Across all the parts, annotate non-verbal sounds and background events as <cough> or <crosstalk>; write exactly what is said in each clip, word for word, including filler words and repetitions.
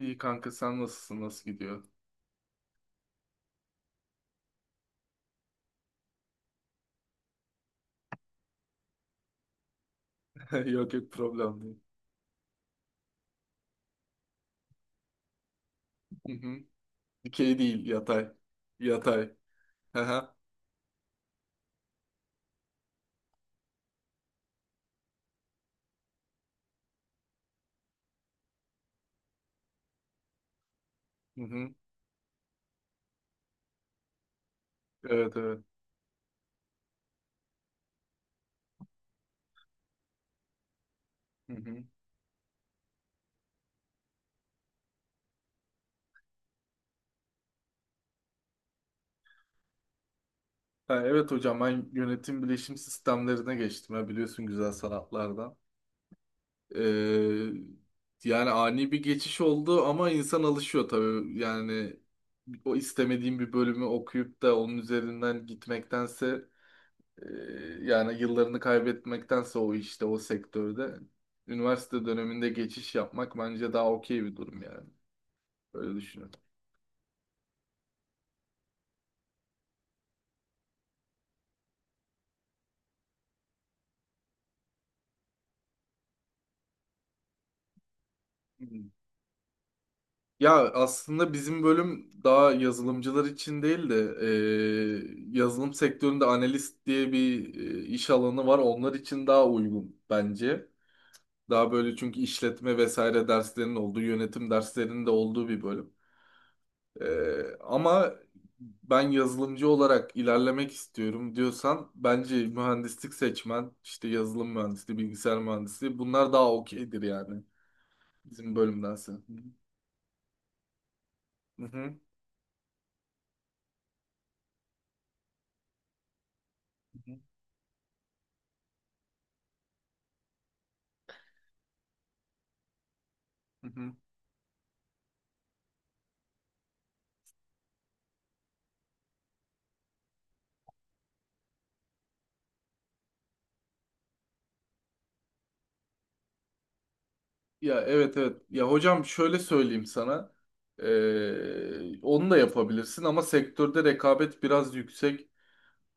İyi kanka sen nasılsın? Nasıl gidiyor? <laughs> Yok yok, problem değil. Hı hı. Dikey değil, yatay. Yatay. Hı hı. Hı hı. Evet evet. Hı hı. Ha, evet hocam, ben yönetim bilişim sistemlerine geçtim. Ya, biliyorsun, güzel sanatlardan. Ee, Yani ani bir geçiş oldu ama insan alışıyor tabii. Yani o istemediğim bir bölümü okuyup da onun üzerinden gitmektense Ee, yani yıllarını kaybetmektense o işte o sektörde üniversite döneminde geçiş yapmak bence daha okey bir durum yani. Öyle düşünüyorum. Hmm. Ya aslında bizim bölüm daha yazılımcılar için değil de e, yazılım sektöründe analist diye bir e, iş alanı var. Onlar için daha uygun bence. Daha böyle, çünkü işletme vesaire derslerinin olduğu, yönetim derslerinin de olduğu bir bölüm. E, ama ben yazılımcı olarak ilerlemek istiyorum diyorsan, bence mühendislik seçmen, işte yazılım mühendisliği, bilgisayar mühendisliği, bunlar daha okeydir yani bizim bölümdense. Hı hı. Hı hı. Ya evet evet. Ya hocam, şöyle söyleyeyim sana. Ee, onu da yapabilirsin ama sektörde rekabet biraz yüksek.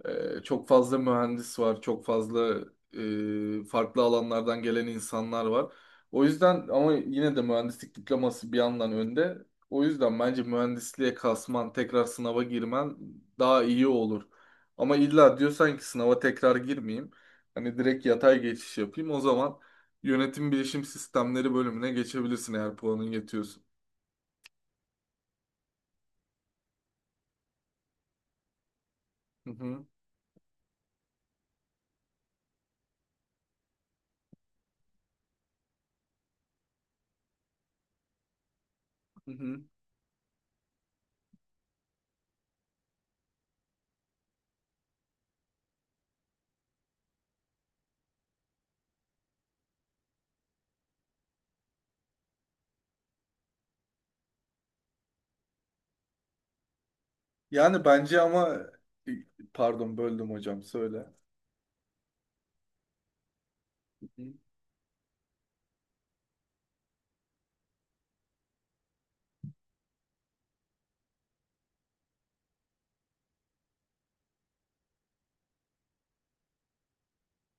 Ee, çok fazla mühendis var, çok fazla e, farklı alanlardan gelen insanlar var. O yüzden, ama yine de mühendislik diploması bir yandan önde. O yüzden bence mühendisliğe kasman, tekrar sınava girmen daha iyi olur. Ama illa diyorsan ki sınava tekrar girmeyeyim, hani direkt yatay geçiş yapayım, o zaman yönetim bilişim sistemleri bölümüne geçebilirsin eğer puanın yetiyorsa. Hı hı, hı hı. Yani bence ama e, pardon, böldüm hocam, söyle.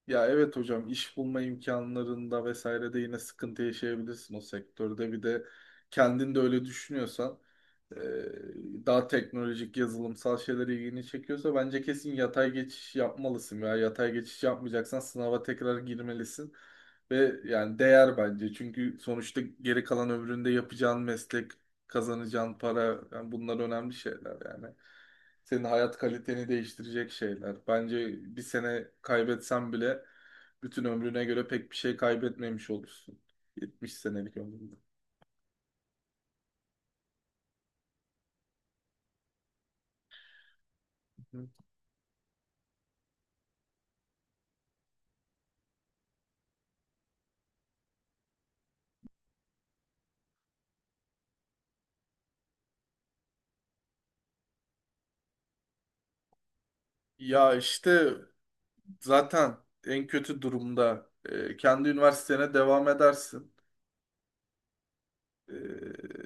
Ya evet hocam, iş bulma imkanlarında vesaire de yine sıkıntı yaşayabilirsin o sektörde. Bir de kendin de öyle düşünüyorsan, e, daha teknolojik, yazılımsal şeyler ilgini çekiyorsa, bence kesin yatay geçiş yapmalısın ya. Yatay geçiş yapmayacaksan sınava tekrar girmelisin. Ve yani değer bence. Çünkü sonuçta geri kalan ömründe yapacağın meslek, kazanacağın para, yani bunlar önemli şeyler yani. Senin hayat kaliteni değiştirecek şeyler. Bence bir sene kaybetsen bile bütün ömrüne göre pek bir şey kaybetmemiş olursun. yetmiş senelik ömründe. Hı. Ya işte zaten en kötü durumda e, kendi üniversitene devam edersin. E,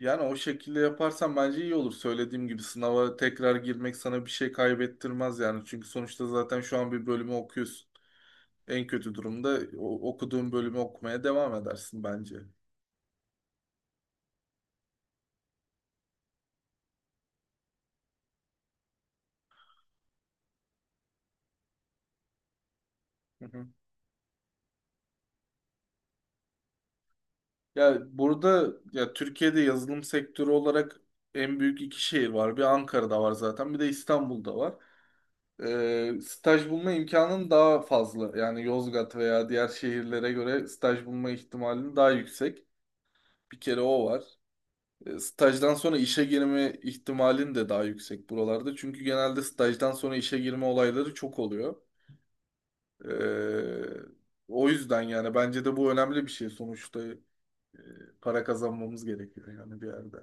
yani o şekilde yaparsan bence iyi olur. Söylediğim gibi sınava tekrar girmek sana bir şey kaybettirmez yani. Çünkü sonuçta zaten şu an bir bölümü okuyorsun. En kötü durumda o- okuduğun bölümü okumaya devam edersin bence. Hı hı. Ya burada, ya Türkiye'de yazılım sektörü olarak en büyük iki şehir var. Bir, Ankara'da var zaten, bir de İstanbul'da var. Ee, staj bulma imkanın daha fazla. Yani Yozgat veya diğer şehirlere göre staj bulma ihtimalin daha yüksek. Bir kere o var. Ee, stajdan sonra işe girme ihtimalin de daha yüksek buralarda. Çünkü genelde stajdan sonra işe girme olayları çok oluyor. Ee, O yüzden yani bence de bu önemli bir şey sonuçta. e, Para kazanmamız gerekiyor yani bir yerde.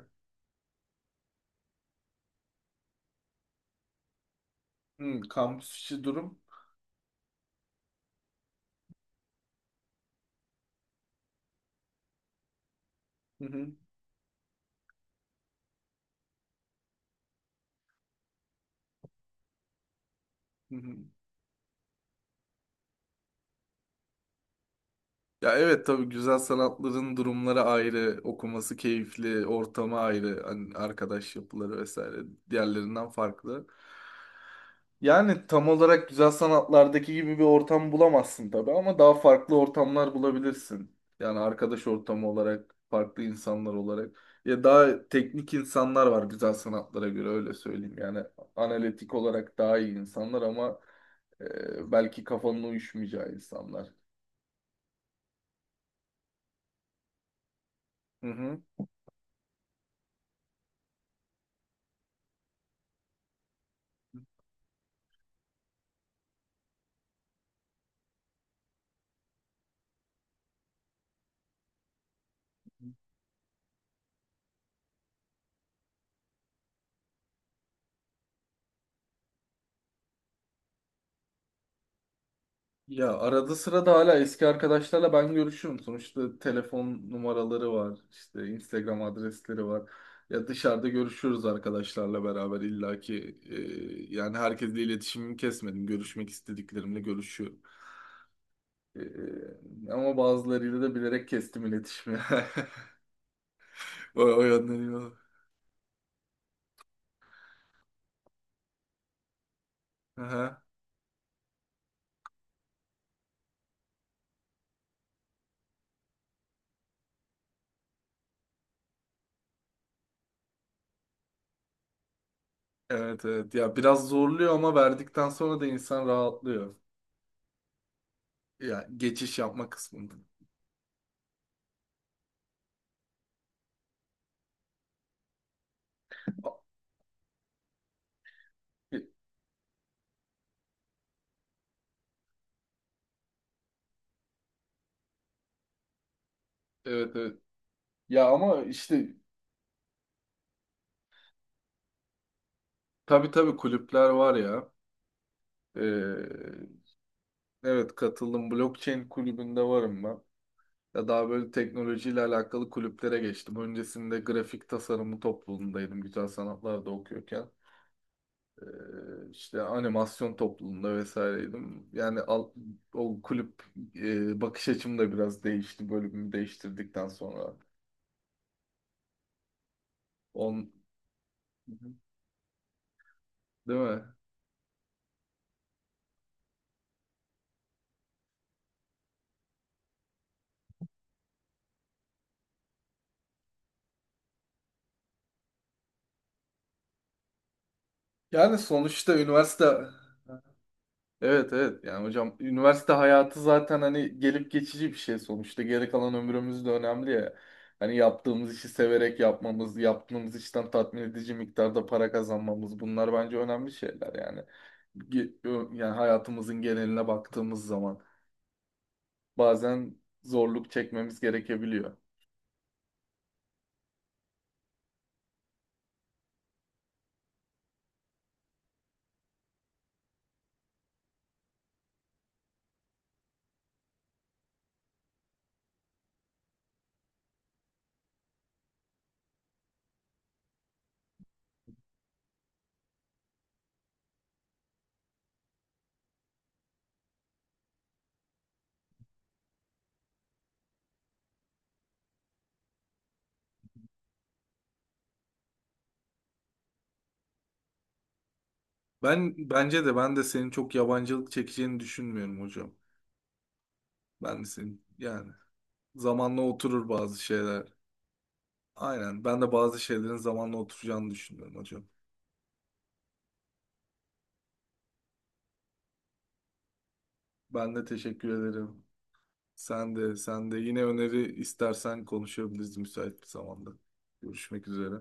Hmm, kampüs içi durum. Hı hı, hı hı. Ya evet tabii, güzel sanatların durumları ayrı, okuması keyifli, ortamı ayrı, hani arkadaş yapıları vesaire diğerlerinden farklı. Yani tam olarak güzel sanatlardaki gibi bir ortam bulamazsın tabii ama daha farklı ortamlar bulabilirsin. Yani arkadaş ortamı olarak, farklı insanlar olarak. Ya daha teknik insanlar var güzel sanatlara göre, öyle söyleyeyim. Yani analitik olarak daha iyi insanlar ama e, belki kafanın uyuşmayacağı insanlar. Hı hı. Ya arada sırada hala eski arkadaşlarla ben görüşüyorum. Sonuçta telefon numaraları var, işte Instagram adresleri var. Ya dışarıda görüşüyoruz arkadaşlarla beraber illaki. Ee, yani herkesle iletişimimi kesmedim. Görüşmek istediklerimle görüşüyorum. Ee, ama bazılarıyla da bilerek kestim iletişimi. <laughs> O, o yönden iyi oldu. Aha. Evet evet. Ya biraz zorluyor ama verdikten sonra da insan rahatlıyor. Ya geçiş yapma kısmında. Evet evet. Ya ama işte, tabii tabii, kulüpler var ya. Ee, evet katıldım. Blockchain kulübünde varım ben. Ya daha böyle teknolojiyle alakalı kulüplere geçtim. Öncesinde grafik tasarımı topluluğundaydım. Güzel sanatlarda okuyorken. Ee, işte animasyon topluluğunda vesaireydim. Yani al- o kulüp e, bakış açım da biraz değişti bölümümü değiştirdikten sonra. On, Değil mi? Yani sonuçta üniversite... Evet evet, yani hocam, üniversite hayatı zaten hani gelip geçici bir şey, sonuçta geri kalan ömrümüz de önemli ya. Hani yaptığımız işi severek yapmamız, yaptığımız işten tatmin edici miktarda para kazanmamız, bunlar bence önemli şeyler yani. Ge- ö- Yani hayatımızın geneline baktığımız zaman bazen zorluk çekmemiz gerekebiliyor. Ben bence de ben de senin çok yabancılık çekeceğini düşünmüyorum hocam. Ben de senin, yani zamanla oturur bazı şeyler. Aynen. Ben de bazı şeylerin zamanla oturacağını düşünüyorum hocam. Ben de teşekkür ederim. Sen de, sen de. Yine öneri istersen konuşabiliriz müsait bir zamanda. Görüşmek üzere.